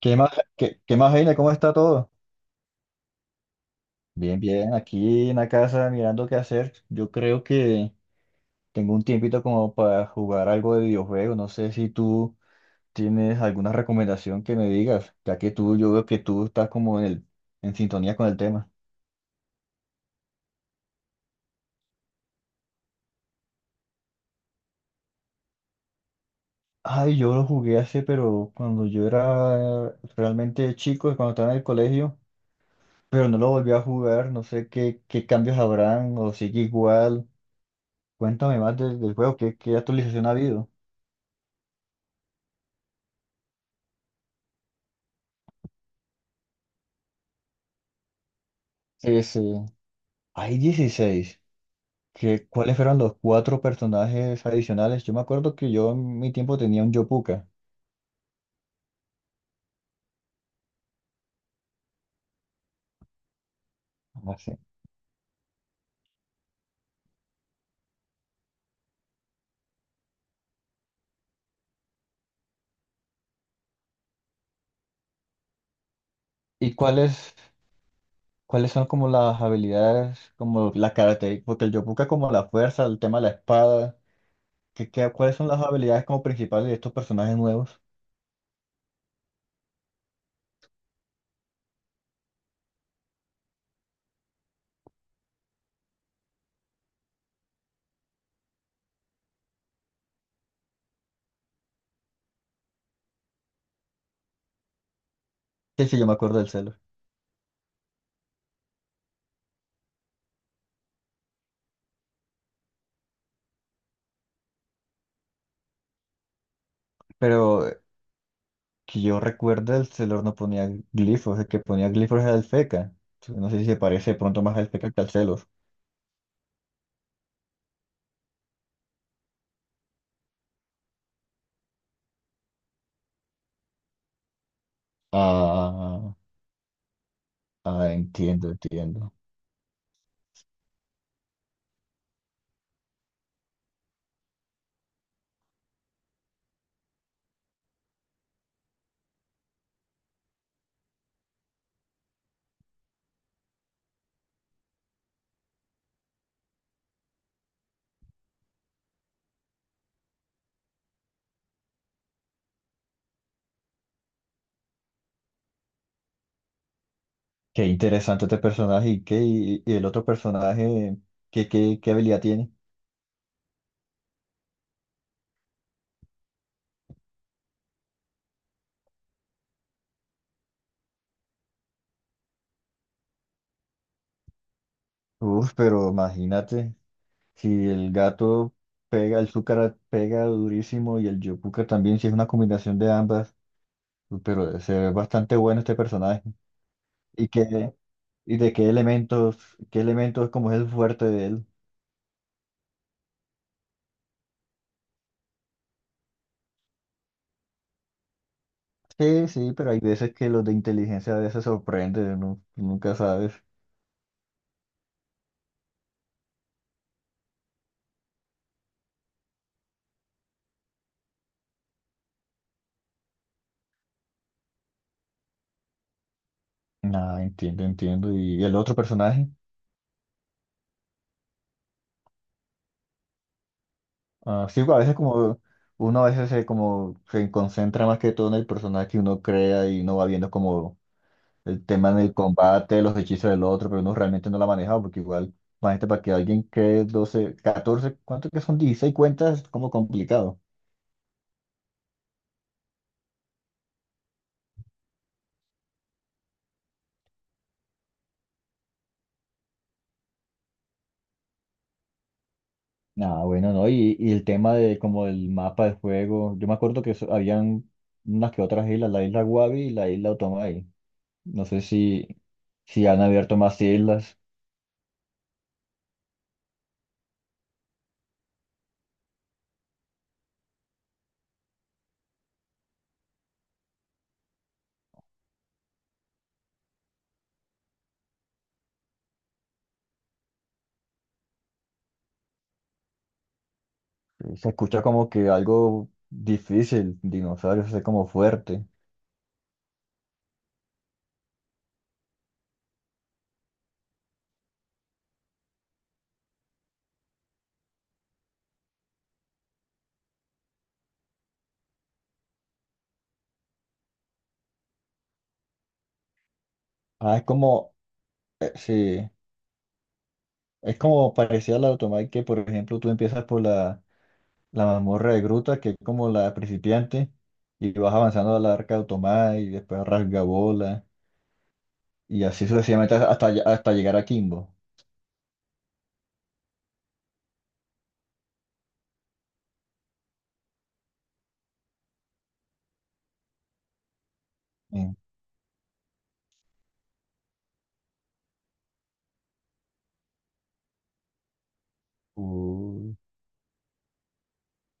¿Qué más, qué más, Heine? ¿Cómo está todo? Bien, bien, aquí en la casa mirando qué hacer. Yo creo que tengo un tiempito como para jugar algo de videojuegos. No sé si tú tienes alguna recomendación que me digas, yo veo que tú estás como en sintonía con el tema. Ay, yo lo jugué pero cuando yo era realmente chico, cuando estaba en el colegio, pero no lo volví a jugar. No sé qué cambios habrán o sigue igual. Cuéntame más del juego, qué actualización ha habido. Sí, sí. Hay 16. ¿Cuáles fueron los cuatro personajes adicionales? Yo me acuerdo que yo en mi tiempo tenía un Yopuka. Así. ¿Y cuáles son como las habilidades, como las características? Porque el Yopuka como la fuerza, el tema de la espada. ¿Cuáles son las habilidades como principales de estos personajes nuevos? Sí, sí, yo me acuerdo del Celor. Pero que yo recuerde, el Celor no ponía glifos. El que ponía glifos era el Feca. No sé si se parece de pronto más al Feca que al Celor. Ah, ah, entiendo, entiendo. Qué interesante este personaje, y el otro personaje, ¿qué habilidad tiene? Uf, pero imagínate, si el gato pega, el Zúcara pega durísimo y el Yopuka también, si es una combinación de ambas, pero se ve bastante bueno este personaje. ¿Y qué, y de qué elementos, como es el fuerte de él? Sí, sí, pero hay veces que los de inteligencia a veces sorprende, ¿no? Nunca sabes. Nada, entiendo, entiendo. ¿Y el otro personaje? Ah, sí, a veces como uno a veces se como se concentra más que todo en el personaje que uno crea y uno va viendo como el tema del combate, los hechizos del otro, pero uno realmente no lo ha manejado porque igual, imagínate, para que alguien cree 12 14 ¿cuánto que son? 16 cuentas, es como complicado. Nada, bueno, ¿no? Y el tema de como el mapa del juego, yo me acuerdo que habían unas que otras islas, la isla Wabi y la isla Otomai. No sé si han abierto más islas. Se escucha como que algo difícil, dinosaurios, es como fuerte. Ah, es sí, es como parecía la automata que, por ejemplo, tú empiezas por la mazmorra de Gruta, que es como la principiante, y vas avanzando a la arca de Automai, y después a Rasgabola, y así sucesivamente hasta llegar a Kimbo. Eh, uh,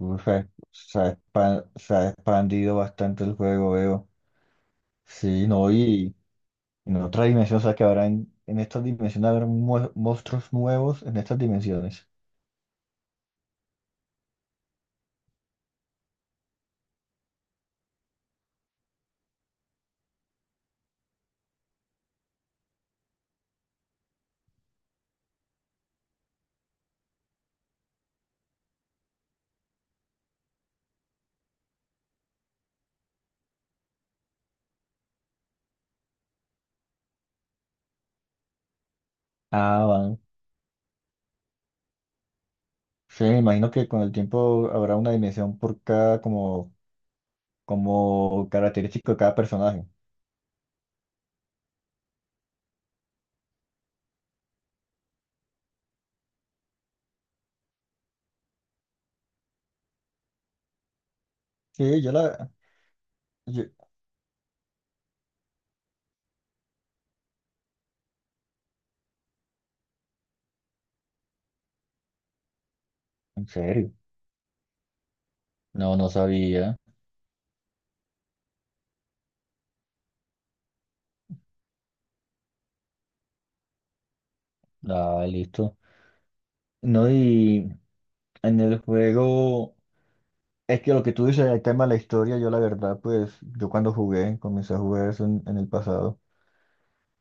se ha expandido bastante el juego, veo. Sí, no, y en otra dimensión, o sea que habrá en estas dimensiones habrá monstruos nuevos en estas dimensiones. Ah, van. Sí, me imagino que con el tiempo habrá una dimensión por cada como, característico de cada personaje. Sí, yo- en serio. No, no sabía. Ah, listo. No, y en el juego, es que lo que tú dices, el tema de la historia, yo la verdad, pues, yo cuando jugué, comencé a jugar eso en el pasado.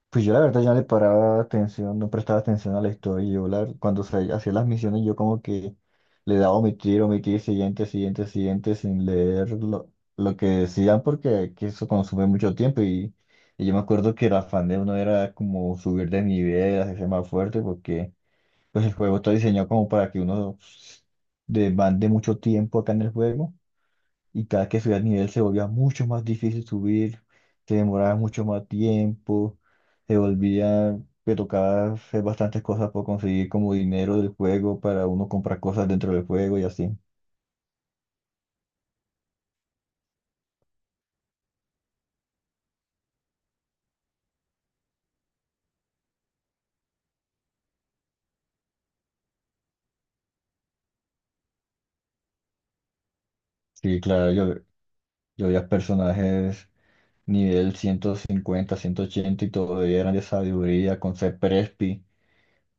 Pues yo la verdad ya no le paraba atención, no prestaba atención a la historia. Cuando se hacía las misiones yo como que le daba omitir, omitir, siguiente, siguiente, siguiente, sin leer lo que decían porque que eso consume mucho tiempo y yo me acuerdo que el afán de uno era como subir de nivel, hacerse más fuerte porque pues el juego está diseñado como para que uno demande mucho tiempo acá en el juego y cada que subía el nivel se volvía mucho más difícil subir, se demoraba mucho más tiempo, se volvía, me tocaba hacer bastantes cosas por conseguir como dinero del juego para uno comprar cosas dentro del juego y así. Sí, claro, yo veía personajes nivel 150 180 y todavía eran de sabiduría con ser Prespi,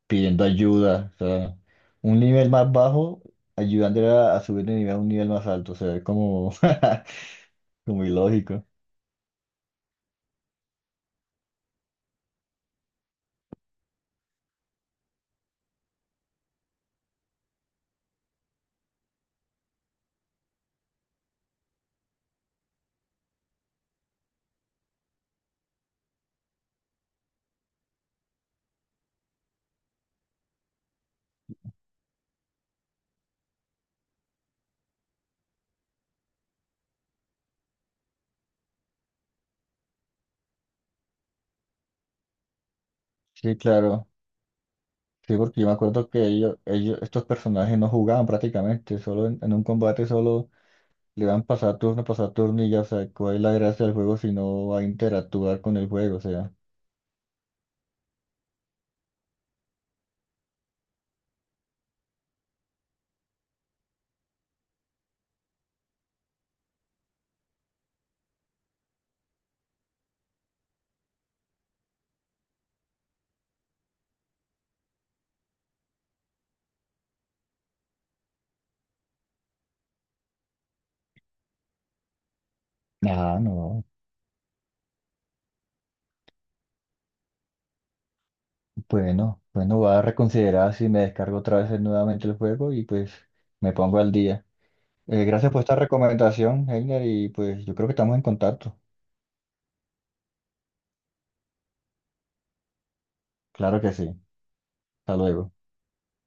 pidiendo ayuda, o sea, un nivel más bajo, ayudándole a subir de nivel a un nivel más alto, o sea, es como, como ilógico. Sí, claro. Sí, porque yo me acuerdo que ellos, estos personajes no jugaban prácticamente, solo en un combate solo le van pasar turno y ya, o sea, ¿cuál es la gracia del juego si no va a interactuar con el juego? O sea, no, bueno, bueno, voy a reconsiderar si me descargo otra vez nuevamente el juego y pues me pongo al día. Gracias por esta recomendación, Heiner, y pues yo creo que estamos en contacto. Claro que sí, hasta luego.